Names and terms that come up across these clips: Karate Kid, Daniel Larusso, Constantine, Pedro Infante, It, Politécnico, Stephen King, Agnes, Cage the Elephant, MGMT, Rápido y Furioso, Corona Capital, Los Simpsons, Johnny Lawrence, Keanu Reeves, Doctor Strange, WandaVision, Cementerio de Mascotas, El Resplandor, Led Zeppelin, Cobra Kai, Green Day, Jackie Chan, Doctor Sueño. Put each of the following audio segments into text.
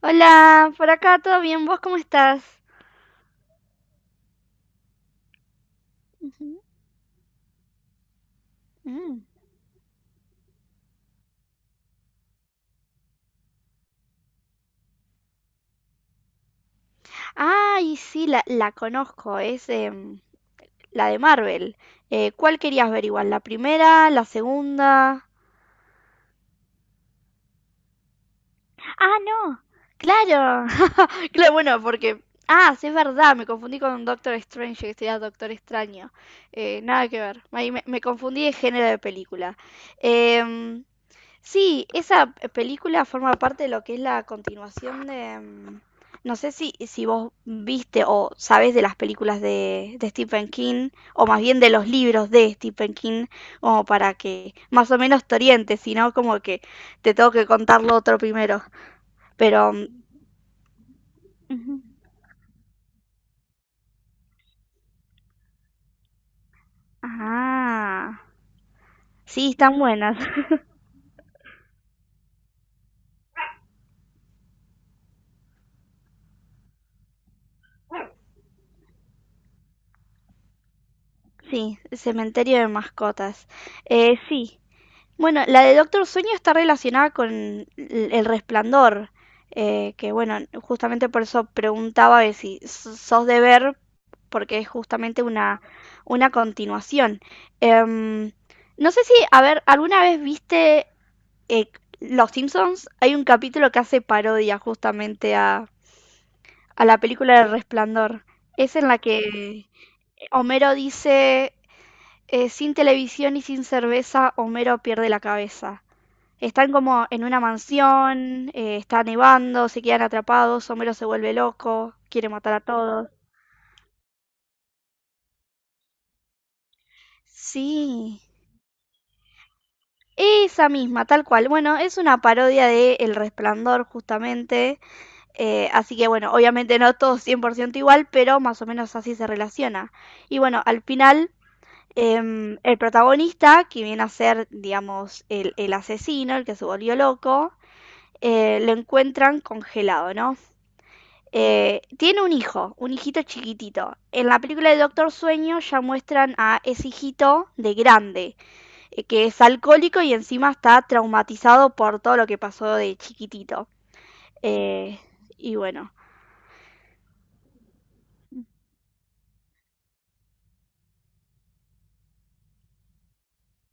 Hola, por acá todo bien, ¿vos cómo estás? Ujú, mm. Ay, sí, la conozco, es la de Marvel. ¿Cuál querías ver igual? ¿La primera? ¿La segunda? Ah, no. Claro, claro, bueno, porque. Ah, sí, es verdad, me confundí con Doctor Strange, que sería Doctor Extraño. Nada que ver, ahí me confundí de género de película. Em, Sí, esa película forma parte de lo que es la continuación de. No sé si, si vos viste o sabés de las películas de Stephen King, o más bien de los libros de Stephen King, como para que más o menos te orientes, sino como que te tengo que contar lo otro primero. Pero. Ujú. Ah, sí, están buenas. Sí, Cementerio de Mascotas. Sí, bueno, la de Doctor Sueño está relacionada con El Resplandor, que bueno, justamente por eso preguntaba de si sos de ver, porque es justamente una continuación. Em, no sé si, a ver, ¿alguna vez viste eh, Los Simpsons? Hay un capítulo que hace parodia justamente a la película El Resplandor. Es en la que Homero dice, sin televisión y sin cerveza, Homero pierde la cabeza. Están como en una mansión, está nevando, se quedan atrapados, Homero se vuelve loco, quiere matar a todos. Sí, esa misma, tal cual. Bueno, es una parodia de El Resplandor justamente, así que bueno, obviamente no todo 100% igual, pero más o menos así se relaciona. Y bueno, al final el protagonista, que viene a ser, digamos, el asesino, el que se volvió loco, lo encuentran congelado, ¿no? Tiene un hijo, un hijito chiquitito. En la película de Doctor Sueño ya muestran a ese hijito de grande, que es alcohólico y encima está traumatizado por todo lo que pasó de chiquitito. Eh, y bueno,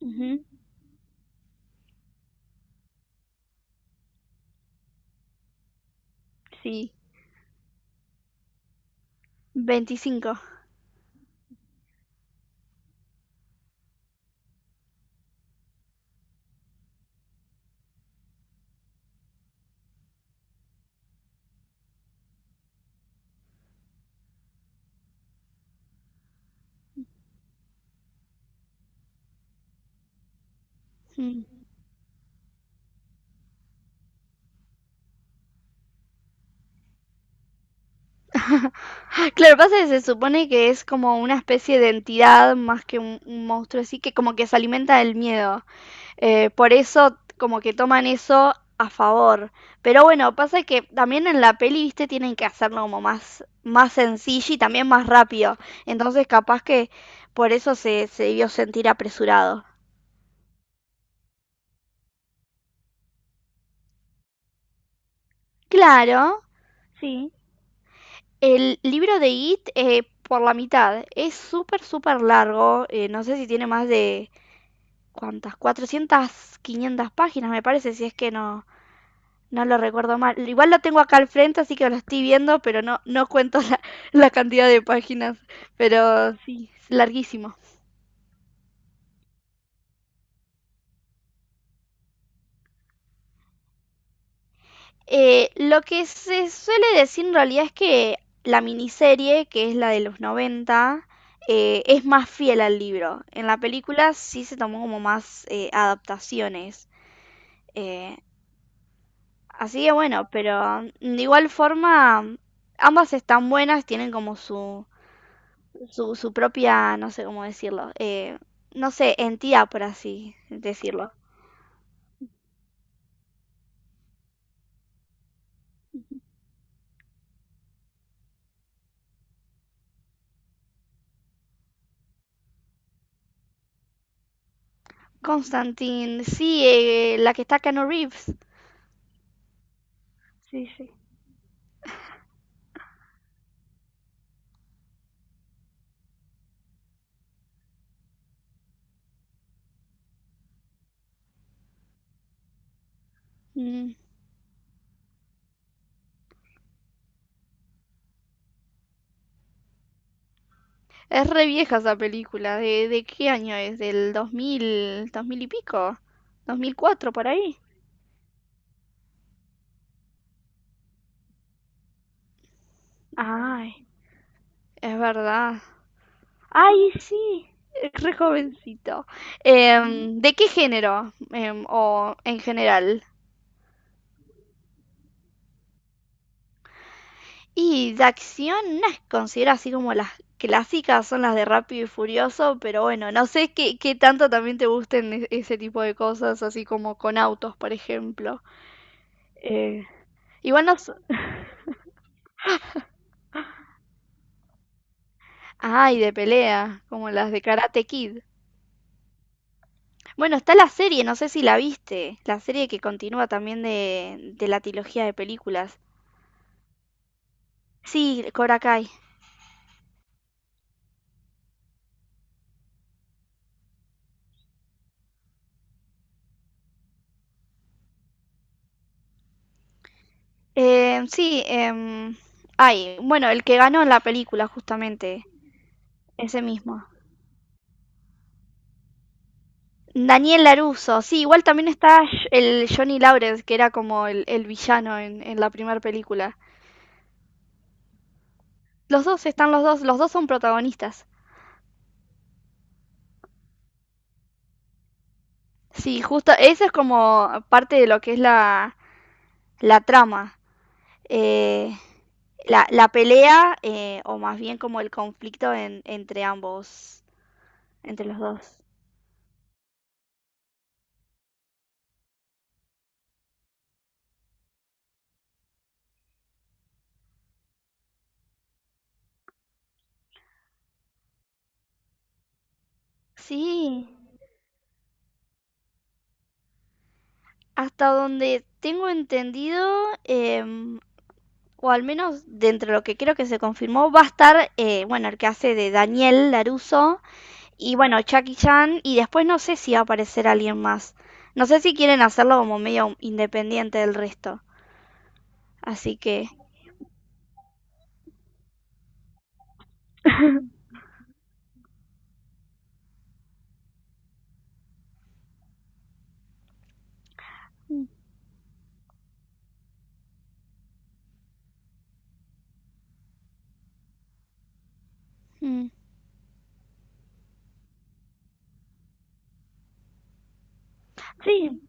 ujú, sí, 25. Mm. Claro, pasa que se supone que es como una especie de entidad más que un monstruo así, que como que se alimenta del miedo. Por eso como que toman eso a favor. Pero bueno, pasa que también en la peli, viste, tienen que hacerlo como más, más sencillo y también más rápido. Entonces capaz que por eso se, se debió sentir apresurado. Claro, sí. El libro de It por la mitad es súper, súper largo. No sé si tiene más de. ¿Cuántas? Cuatrocientas 500 páginas me parece, si es que no. No lo recuerdo mal. Igual lo tengo acá al frente, así que lo estoy viendo, pero no, no cuento la, la cantidad de páginas. Pero sí, es larguísimo. Lo que se suele decir en realidad es que la miniserie, que es la de los 90 es más fiel al libro. En la película sí se tomó como más adaptaciones. Eh, así que bueno, pero de igual forma ambas están buenas, tienen como su, su propia, no sé cómo decirlo, no sé, entidad, por así decirlo. Constantine, sí, la que está Cano Reeves. Sí. Mm. Es re vieja esa película. De qué año es? ¿Del 2000, 2000 y pico? ¿2004 por ahí? Ay, es verdad. Ay, sí, es re jovencito. ¿De qué género? O en general. Y de acción, no es considero así como las clásicas son las de Rápido y Furioso, pero bueno, no sé qué, qué tanto también te gusten ese tipo de cosas, así como con autos, por ejemplo. Eh, igual no. Ay, de pelea, como las de Karate Kid. Bueno, está la serie, no sé si la viste, la serie que continúa también de la trilogía de películas. Sí, Cobra Kai. Sí, ay, bueno, el que ganó en la película justamente, ese mismo. Daniel Larusso, sí, igual también está el Johnny Lawrence, que era como el villano en la primera película. Los dos están los dos son protagonistas. Sí, justo, eso es como parte de lo que es la trama. Eh, la pelea, o más bien como el conflicto entre ambos, entre los dos. Sí, hasta donde tengo entendido, em, o al menos dentro de lo que creo que se confirmó, va a estar, bueno, el que hace de Daniel Larusso y bueno, Jackie Chan, y después no sé si va a aparecer alguien más. No sé si quieren hacerlo como medio independiente del resto. Así que. Sí.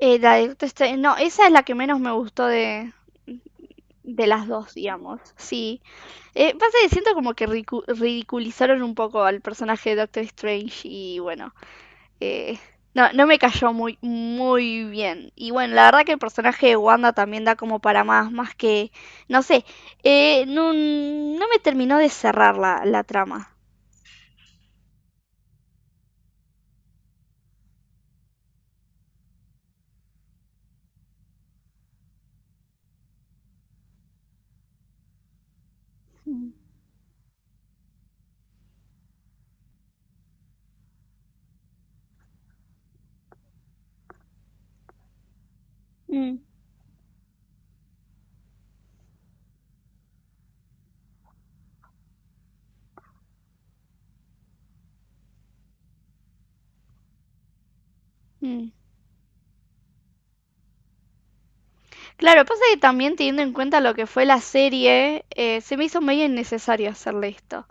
La de Doctor Strange- no, esa es la que menos me gustó de las dos, digamos. Sí. Pasa que siento como que ridiculizaron un poco al personaje de Doctor Strange y bueno, eh, no, no me cayó muy, muy bien. Y bueno, la verdad que el personaje de Wanda también da como para más, más que, no sé, no, no me terminó de cerrar la trama. Mm, mm. Claro, pasa que también teniendo en cuenta lo que fue la serie, se me hizo medio innecesario hacerle esto.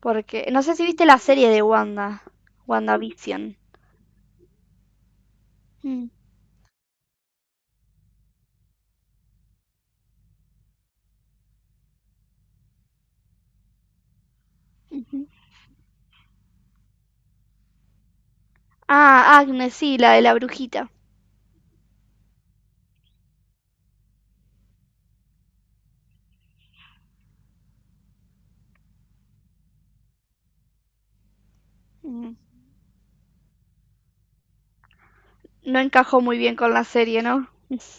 Porque, no sé si viste la serie de Wanda, WandaVision. Mm, ujú. Ah, Agnes, sí, la de la brujita. Mm. No encajó muy bien con la serie, ¿no?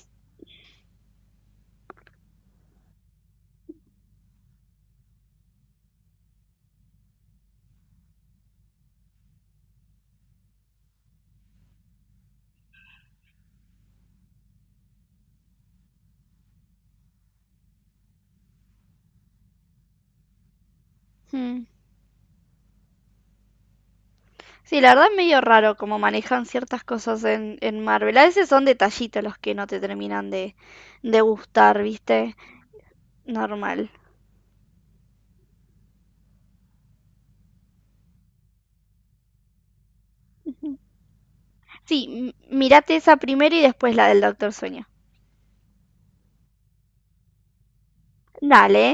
Mm. Sí, la verdad es medio raro cómo manejan ciertas cosas en Marvel. A veces son detallitos los que no te terminan de gustar, ¿viste? Normal. Sí, mirate esa primero y después la del Doctor Sueño. Dale.